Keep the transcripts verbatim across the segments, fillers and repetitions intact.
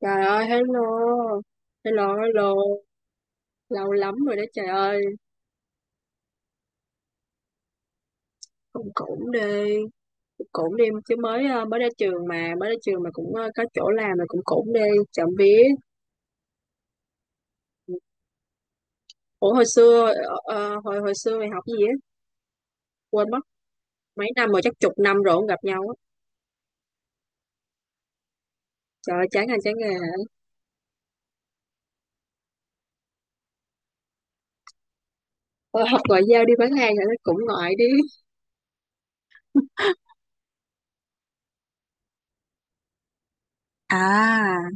Trời ơi, hello. Hello, hello. Lâu lắm rồi đó trời ơi. Cũng cũng đi, cũng cũng đi chứ mới ờ, mới ra trường mà, mới ra trường mà cũng ờ, có chỗ làm mà cũng cũng đi, chậm vía. Ủa hồi xưa ờ, ờ, hồi hồi xưa mày học cái gì á? Quên mất. Mấy năm rồi, chắc chục năm rồi không gặp nhau á. Trời ơi, chán ngành chán nghề. Tôi học ngoại giao đi bán hàng rồi nó cũng ngoại đi. À,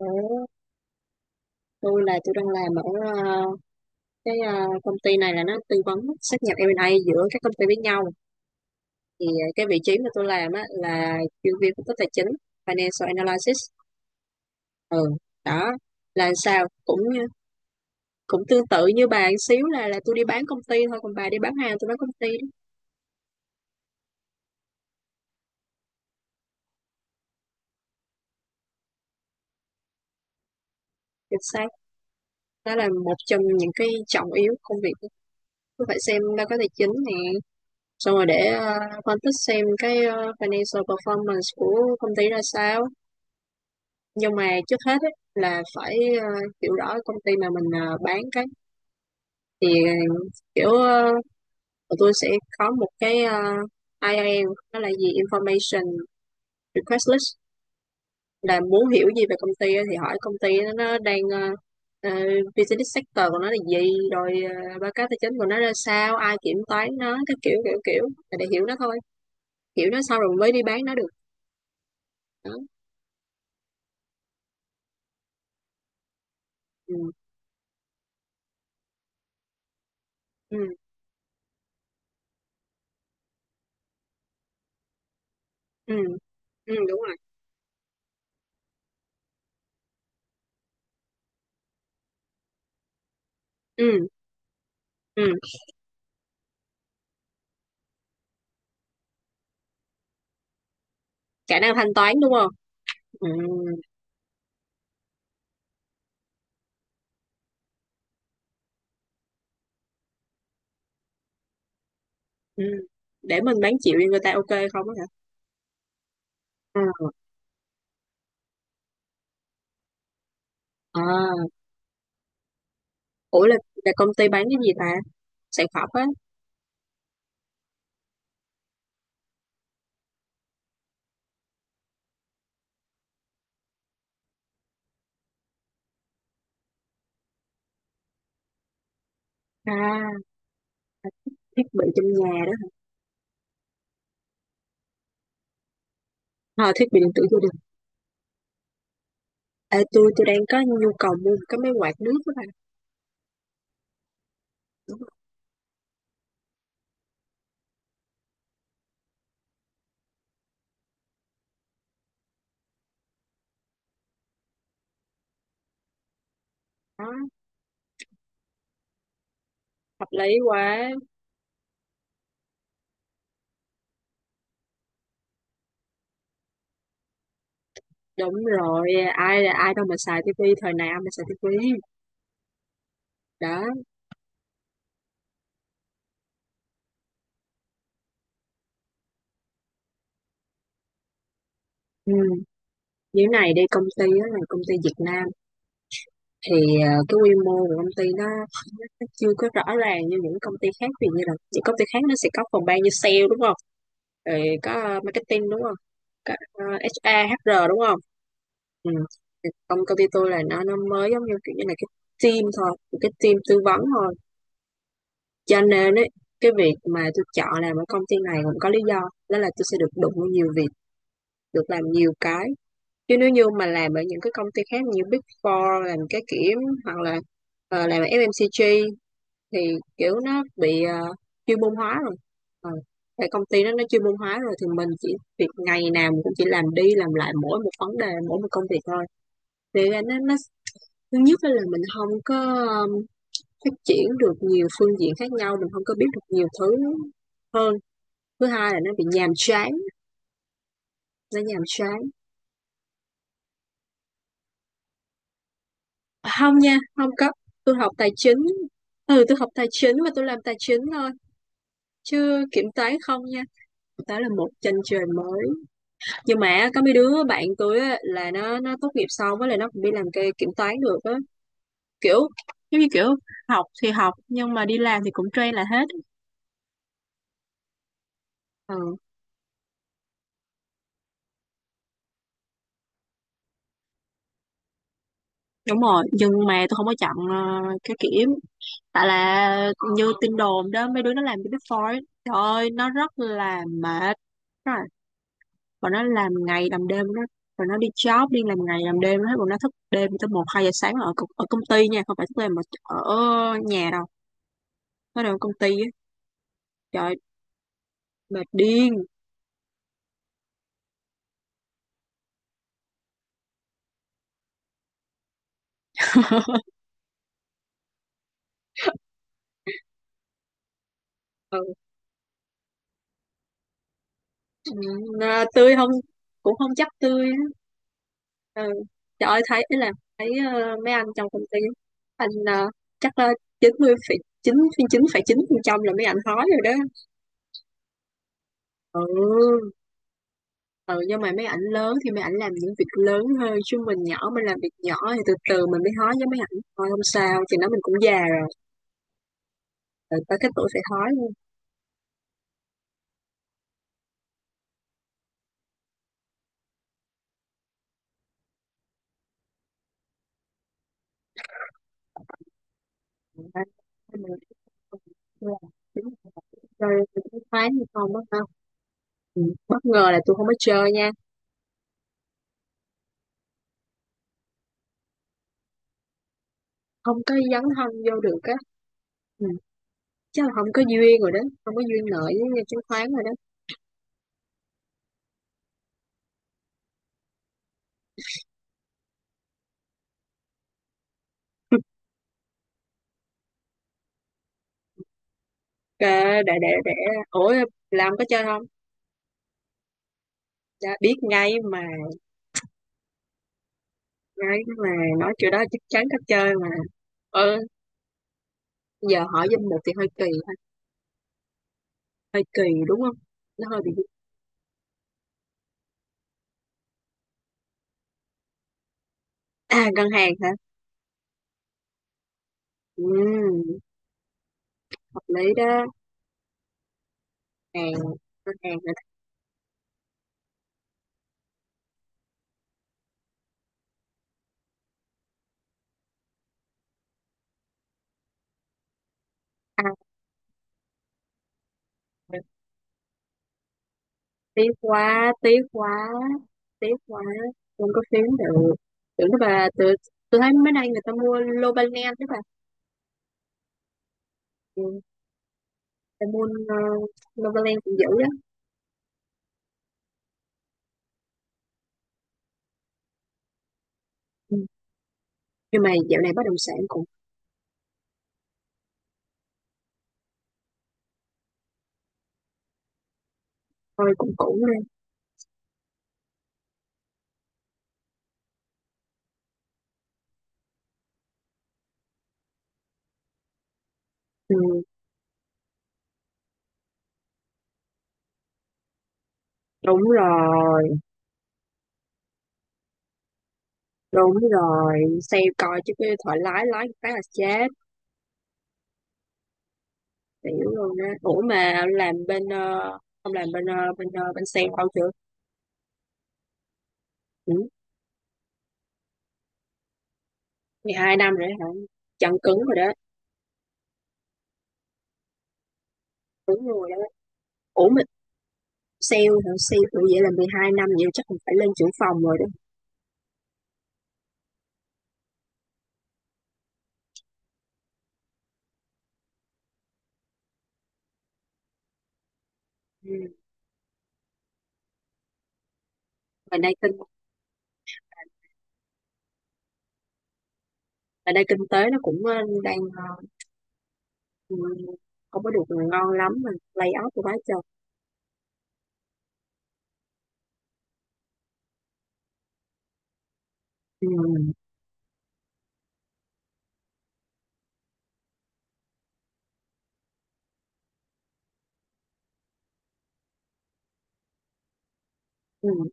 ủa, tôi là tôi đang làm ở ờ, cái ờ, công ty này, là nó tư vấn sát nhập em và a giữa các công ty với nhau, thì ờ, cái vị trí mà tôi làm á là chuyên viên phân tích tài chính, financial analysis. Ừ, đó. Là sao cũng ờ, cũng tương tự như bà một xíu, là là tôi đi bán công ty thôi, còn bà đi bán hàng, tôi bán công ty đó. Được sao, đó là một trong những cái trọng yếu của công việc. Tôi phải xem báo cáo tài chính nè, xong rồi để ờ, phân tích xem cái ờ, financial performance của công ty ra sao. Nhưng mà trước hết ấy, là phải ờ, hiểu rõ công ty mà mình ờ, bán cái, thì ờ, kiểu ờ, tụi tôi sẽ có một cái uh, ai ai eo, đó là gì, Information Request List, là muốn hiểu gì về công ty thì hỏi công ty, nó đang ờ, ờ, business sector của nó là gì, rồi ờ, báo cáo tài chính của nó ra sao, ai kiểm toán nó, cái kiểu kiểu kiểu, là để hiểu nó thôi, hiểu nó xong rồi mới đi bán nó được. Đó. Ừ, ừ. Ừ, ừ đúng rồi. Ừ, ừ, khả năng thanh toán đúng không, ừ, ừ, để mình bán chịu cho người ta, ok, không á hả, ừ. À, ủa, là, là công ty bán cái gì ta, sản phẩm á. À, thiết bị trong nhà đó hả? À, thiết bị điện tử gia đình. Ê, tôi tôi đang có nhu cầu mua một cái máy quạt nước đó bà. Đúng rồi. Đó, hợp lý quá. Đúng rồi, ai ai đâu mà xài tivi, thời nào mà xài tivi. Đó. Ừ. Như thế này đi, công ty đó là công ty Việt Nam, thì ờ, cái quy mô của công ty nó, nó chưa có rõ ràng như những công ty khác, vì như là những công ty khác nó sẽ có phòng ban như sale đúng không? Rồi có ờ, marketing đúng không? Có ờ, ếch a, hát rờ đúng không? Ừ. Thì Công công ty tôi là nó nó mới giống như kiểu như là cái team thôi, một cái team tư vấn thôi. Cho nên ấy, cái việc mà tôi chọn làm ở công ty này cũng có lý do, đó là tôi sẽ được đụng vào nhiều việc, được làm nhiều cái. Chứ nếu như mà làm ở những cái công ty khác như Big Four, làm cái kiểm, hoặc là ờ, làm ở ép em xê giê, thì kiểu nó bị ờ, chuyên môn hóa rồi. Ờ, tại công ty nó nó chuyên môn hóa rồi, thì mình chỉ việc ngày nào mình cũng chỉ làm đi làm lại mỗi một vấn đề, mỗi một công việc thôi, thì nó nó thứ nhất á là mình không có, ờm, phát triển được nhiều phương diện khác nhau, mình không có biết được nhiều thứ hơn. Thứ hai là nó bị nhàm chán, nó nhàm chán. À, hông nha, không có, tôi học tài chính. Ừ, tôi học tài chính và tôi làm tài chính thôi, chứ kiểm toán không nha. Đó là một chân trời mới, nhưng mà có mấy đứa bạn tôi á, là nó nó tốt nghiệp xong á là nó cũng đi làm cái kiểm toán được á, kiểu, giống như kiểu, học thì học nhưng mà đi làm thì cũng train là hết. Ừ. Đúng rồi, nhưng mà tôi không có chọn ờ, cái kiểm, tại là như tin đồn đó, mấy đứa nó làm cái Big Four ấy, trời ơi nó rất là mệt. Đúng rồi, bọn nó làm ngày làm đêm, nó, rồi nó đi job đi làm ngày làm đêm hết, bọn nó thức đêm tới một hai giờ sáng ở công- ở công ty nha, không phải thức đêm mà ở nhà đâu, nó đều ở công ty á. Trời ơi, mệt điên. Ừ, ừ, à, tươi không, cũng không chắc tươi. Ừ. Trời ơi thấy ý là thấy ờ, mấy anh trong công ty, anh ờ, chắc là chín mươi phẩy chín chín phẩy chín phần trăm là mấy anh hói rồi đó. Ừ, ừ, nhưng mà mấy ảnh lớn thì mấy ảnh làm những việc lớn hơn, chứ mình nhỏ mình làm việc nhỏ thì từ từ mình mới hói với mấy ảnh thôi, không sao, thì nó mình cũng già rồi, rồi tới cái tuổi phải hói luôn. Chơi khoái như không đó ha, ừ. Bất ngờ là tôi không có chơi nha, không có dấn thân vô được á. Ừ. Chắc là không có duyên rồi đó, không có duyên nợ với chứng khoán rồi đó. Ờ, để để để ủa, làm có chơi không, dạ, biết ngay mà, ngay mà nói chuyện đó chắc chắn có chơi mà, ờ, giờ hỏi danh mục thì hơi kỳ ha, hơi kỳ đúng không, nó hơi bị. À, ngân hàng hả, ừ, hợp lý đó, hàng ngân hàng rồi đó. À, tiếc quá tiếc quá tiếc quá, không có phím được, tưởng đó bà, tôi tôi thấy mấy nay người ta mua lô ban đó bà. Ừ, cái môn uh, Novaland cũng dữ đó. Ừ, nhưng mà dạo này bất động sản cũng, thôi cũng cũng lên. Ừ. Đúng rồi, đúng rồi xem coi chứ cái thoại lái lái một cái là chết tiểu luôn á. Ủa mà làm bên ờ, ông làm bên ờ, bên ờ, bên sale bao chưa. Ừ. Mười hai năm rồi đó hả, chân cứng rồi đó, đúng rồi đó. Ủa mà sale hả, sale tụi vậy là mười hai năm vậy chắc cũng phải lên trưởng phòng rồi đó. Ừ. mà đây kinh mà đây kinh tế nó cũng ờ, đang ờ, ừ, không có được mà ngon lắm, mà lay off của bá chồng. Ừ. Ừ.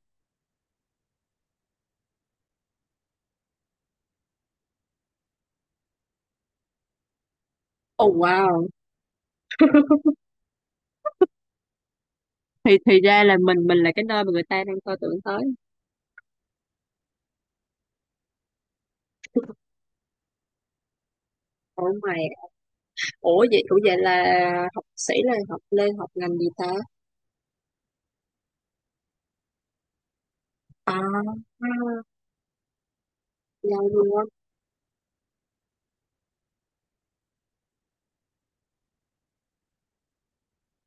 Oh wow. thì thì ra là mình mình là cái nơi mà người ta đang coi tưởng tới. ủa mày ủa vậy ủa vậy là học sĩ là học lên học ngành gì ta? À, à, giàu luôn,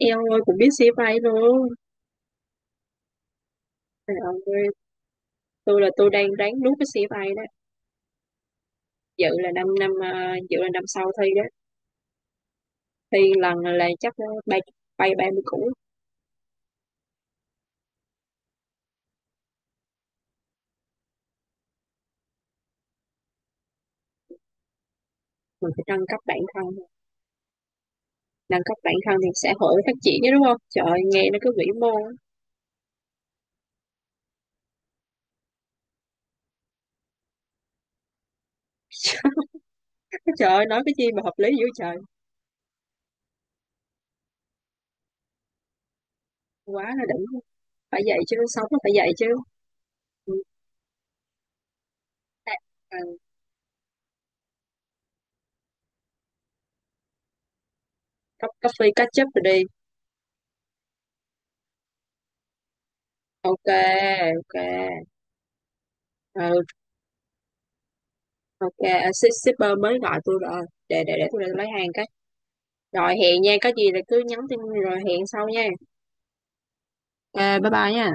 em ơi cũng biết xê ép a luôn. Trời ơi, tôi là tôi đang ráng nuốt cái xê ép a đó. Dự là năm năm à, dự là năm sau thi đó. Thi lần là chắc bay bay ba mươi củ. Mình phải nâng cấp bản thân, nâng các bạn thân thì xã hội phát triển chứ đúng không, trời ơi, nghe nó cứ vĩ mô. Cái trời ơi, nói cái chi mà hợp lý dữ trời, quá là đỉnh, phải vậy chứ sống nó phải vậy chứ. Ừ. À, à, cốc coffee catch up rồi đi, ok, ok, ừ, ok. À, shi- shipper mới gọi tôi rồi, để để để tôi lấy hàng cái, rồi hẹn nha, có gì là cứ nhắn tin rồi hẹn sau nha. À, bye bye nha.